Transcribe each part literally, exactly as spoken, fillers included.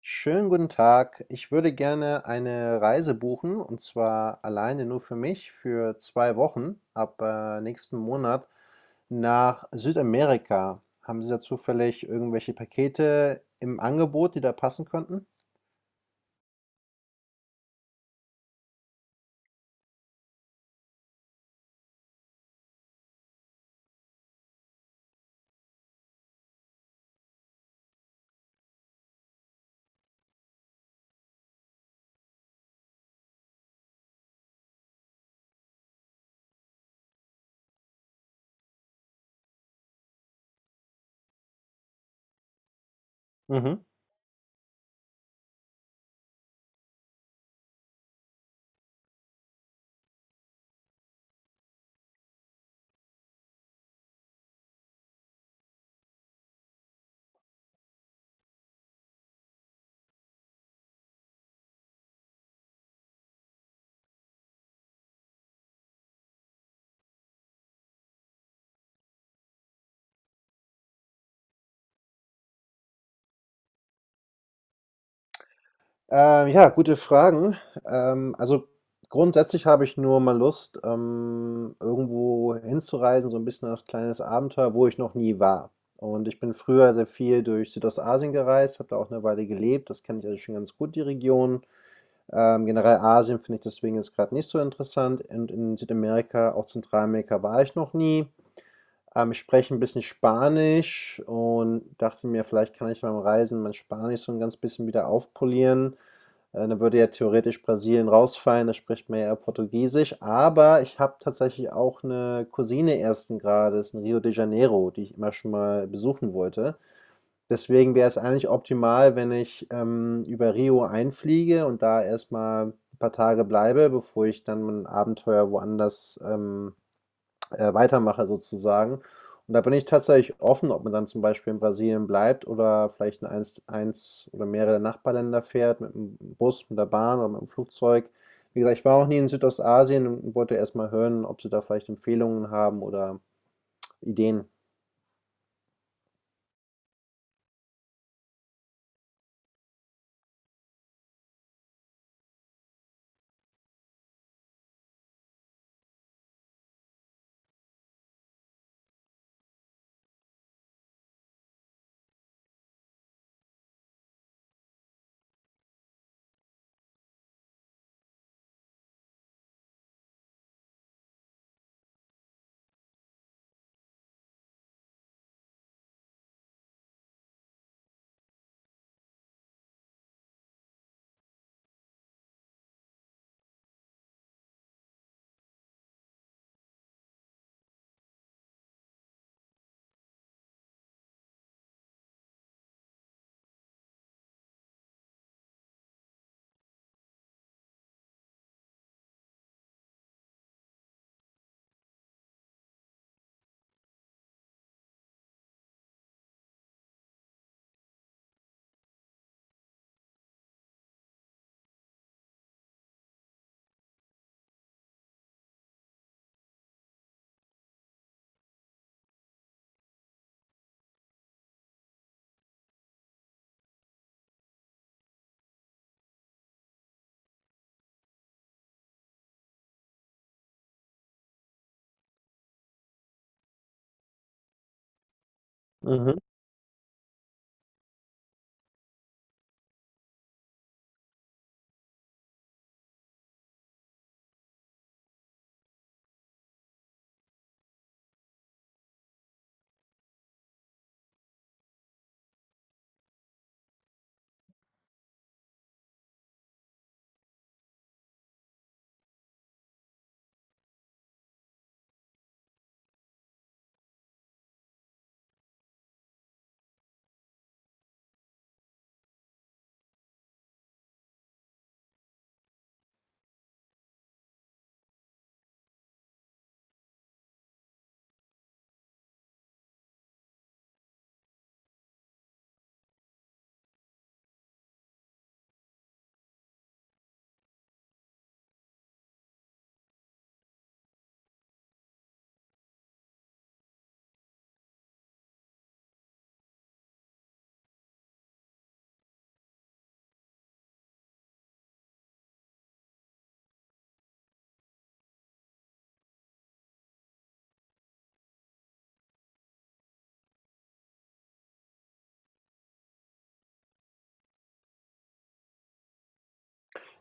Schönen guten Tag. Ich würde gerne eine Reise buchen und zwar alleine nur für mich für zwei Wochen ab äh, nächsten Monat nach Südamerika. Haben Sie da zufällig irgendwelche Pakete im Angebot, die da passen könnten? Mhm. Ähm, ja, gute Fragen. Ähm, also grundsätzlich habe ich nur mal Lust, ähm, irgendwo hinzureisen, so ein bisschen als kleines Abenteuer, wo ich noch nie war. Und ich bin früher sehr viel durch Südostasien gereist, habe da auch eine Weile gelebt. Das kenne ich also schon ganz gut, die Region. Ähm, generell Asien finde ich deswegen jetzt gerade nicht so interessant und in Südamerika, auch Zentralamerika war ich noch nie. Ähm, ich spreche ein bisschen Spanisch und dachte mir, vielleicht kann ich beim Reisen mein Spanisch so ein ganz bisschen wieder aufpolieren. Äh, dann würde ja theoretisch Brasilien rausfallen, da spricht man ja eher Portugiesisch. Aber ich habe tatsächlich auch eine Cousine ersten Grades in Rio de Janeiro, die ich immer schon mal besuchen wollte. Deswegen wäre es eigentlich optimal, wenn ich, ähm, über Rio einfliege und da erst mal 'n paar Tage bleibe, bevor ich dann mein Abenteuer woanders, ähm äh, weitermache sozusagen. Und da bin ich tatsächlich offen, ob man dann zum Beispiel in Brasilien bleibt oder vielleicht in eins, eins oder mehrere Nachbarländer fährt, mit dem Bus, mit der Bahn oder mit dem Flugzeug. Wie gesagt, ich war auch nie in Südostasien und wollte erstmal hören, ob Sie da vielleicht Empfehlungen haben oder Ideen. Mhm.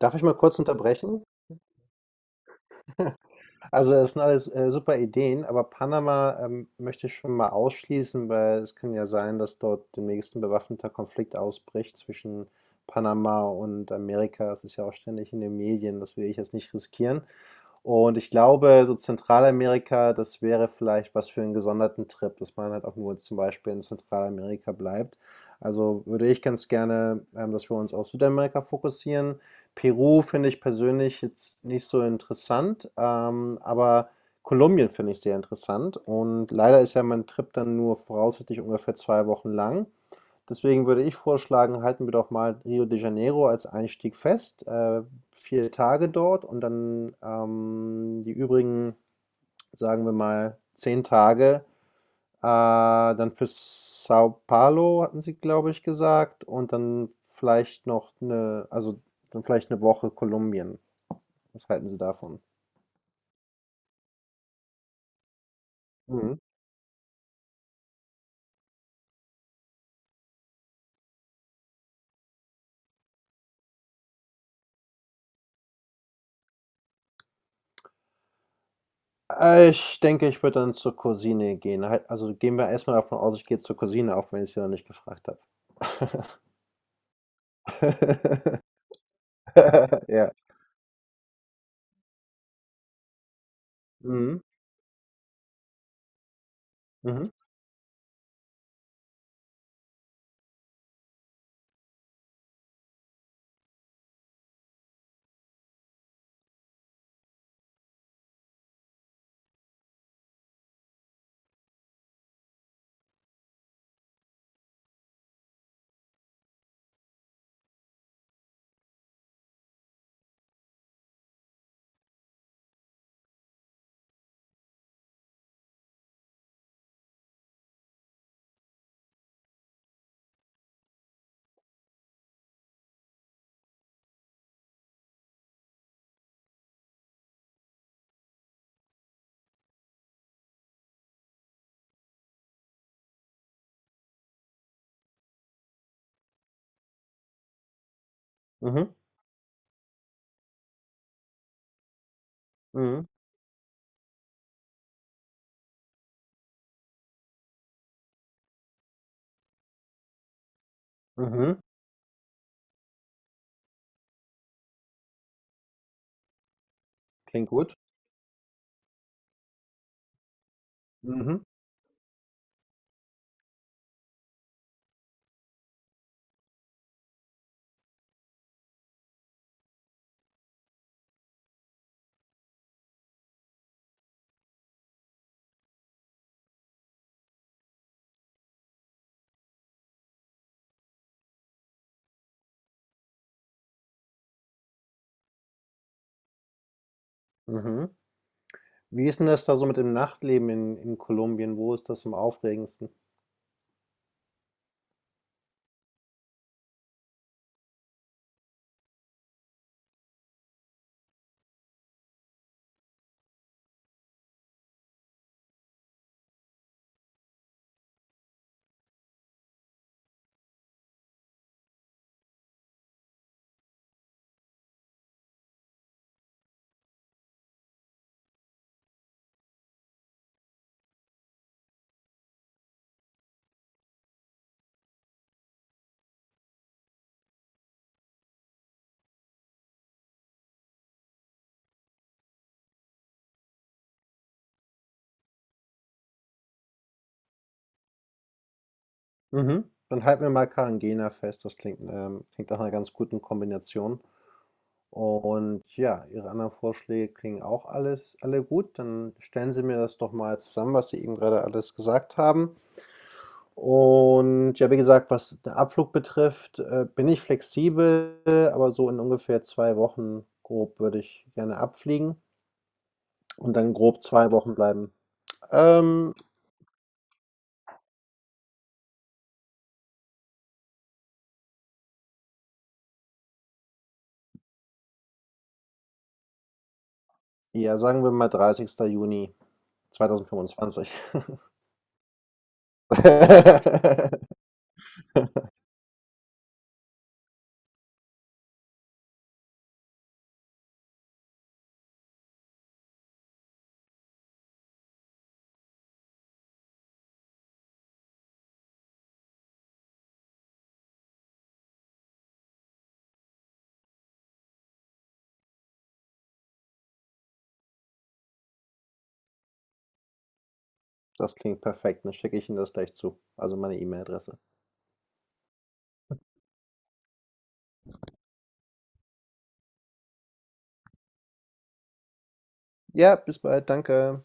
Darf ich mal kurz unterbrechen? Also das sind alles äh, super Ideen, aber Panama ähm, möchte ich schon mal ausschließen, weil es kann ja sein, dass dort demnächst ein bewaffneter Konflikt ausbricht zwischen Panama und Amerika. Es ist ja auch ständig in den Medien, das will ich jetzt nicht riskieren. Und ich glaube, so Zentralamerika, das wäre vielleicht was für einen gesonderten Trip, dass man halt auch nur zum Beispiel in Zentralamerika bleibt. Also, würde ich ganz gerne, ähm, dass wir uns auf Südamerika fokussieren. Peru finde ich persönlich jetzt nicht so interessant, ähm, aber Kolumbien finde ich sehr interessant und leider ist ja mein Trip dann nur voraussichtlich ungefähr zwei Wochen lang. Deswegen würde ich vorschlagen, halten wir doch mal Rio de Janeiro als Einstieg fest. Äh, vier Tage dort und dann ähm, die übrigen, sagen wir mal, zehn Tage. Äh, Dann für Sao Paulo hatten Sie, glaube ich, gesagt. Und dann vielleicht noch eine, also dann vielleicht eine Woche Kolumbien. Was halten Sie davon? Mhm. Äh, Ich denke, ich würde dann zur Cousine gehen. Halt- Also gehen wir erstmal davon aus, ich gehe zur Cousine, auch wenn ich sie noch nicht gefragt habe. Ja. Mhm. Mhm. Mhm. Mhm. Mhm. Klingt gut. Mhm. Mhm. Wie ist denn das da so mit dem Nachtleben in in Kolumbien? Wo ist das am aufregendsten? Mhm. Dann halten wir mal Cartagena fest. Das klingt, ähm klingt nach 'ner ganz guten Kombination. Und ja, Ihre anderen Vorschläge klingen auch alles alle gut. Dann stellen Sie mir das doch mal zusammen, was Sie eben gerade alles gesagt haben. Und ja, wie gesagt, was den Abflug betrifft, äh, bin ich flexibel, aber so in ungefähr zwei Wochen grob würde ich gerne abfliegen und dann grob zwei Wochen bleiben. Ähm, ja, sagen wir mal dreißigster Juni zweitausendfünfundzwanzig. Das klingt perfekt, dann schicke ich Ihnen das gleich zu, also meine E-Mail-Adresse. Ja, bis bald, danke.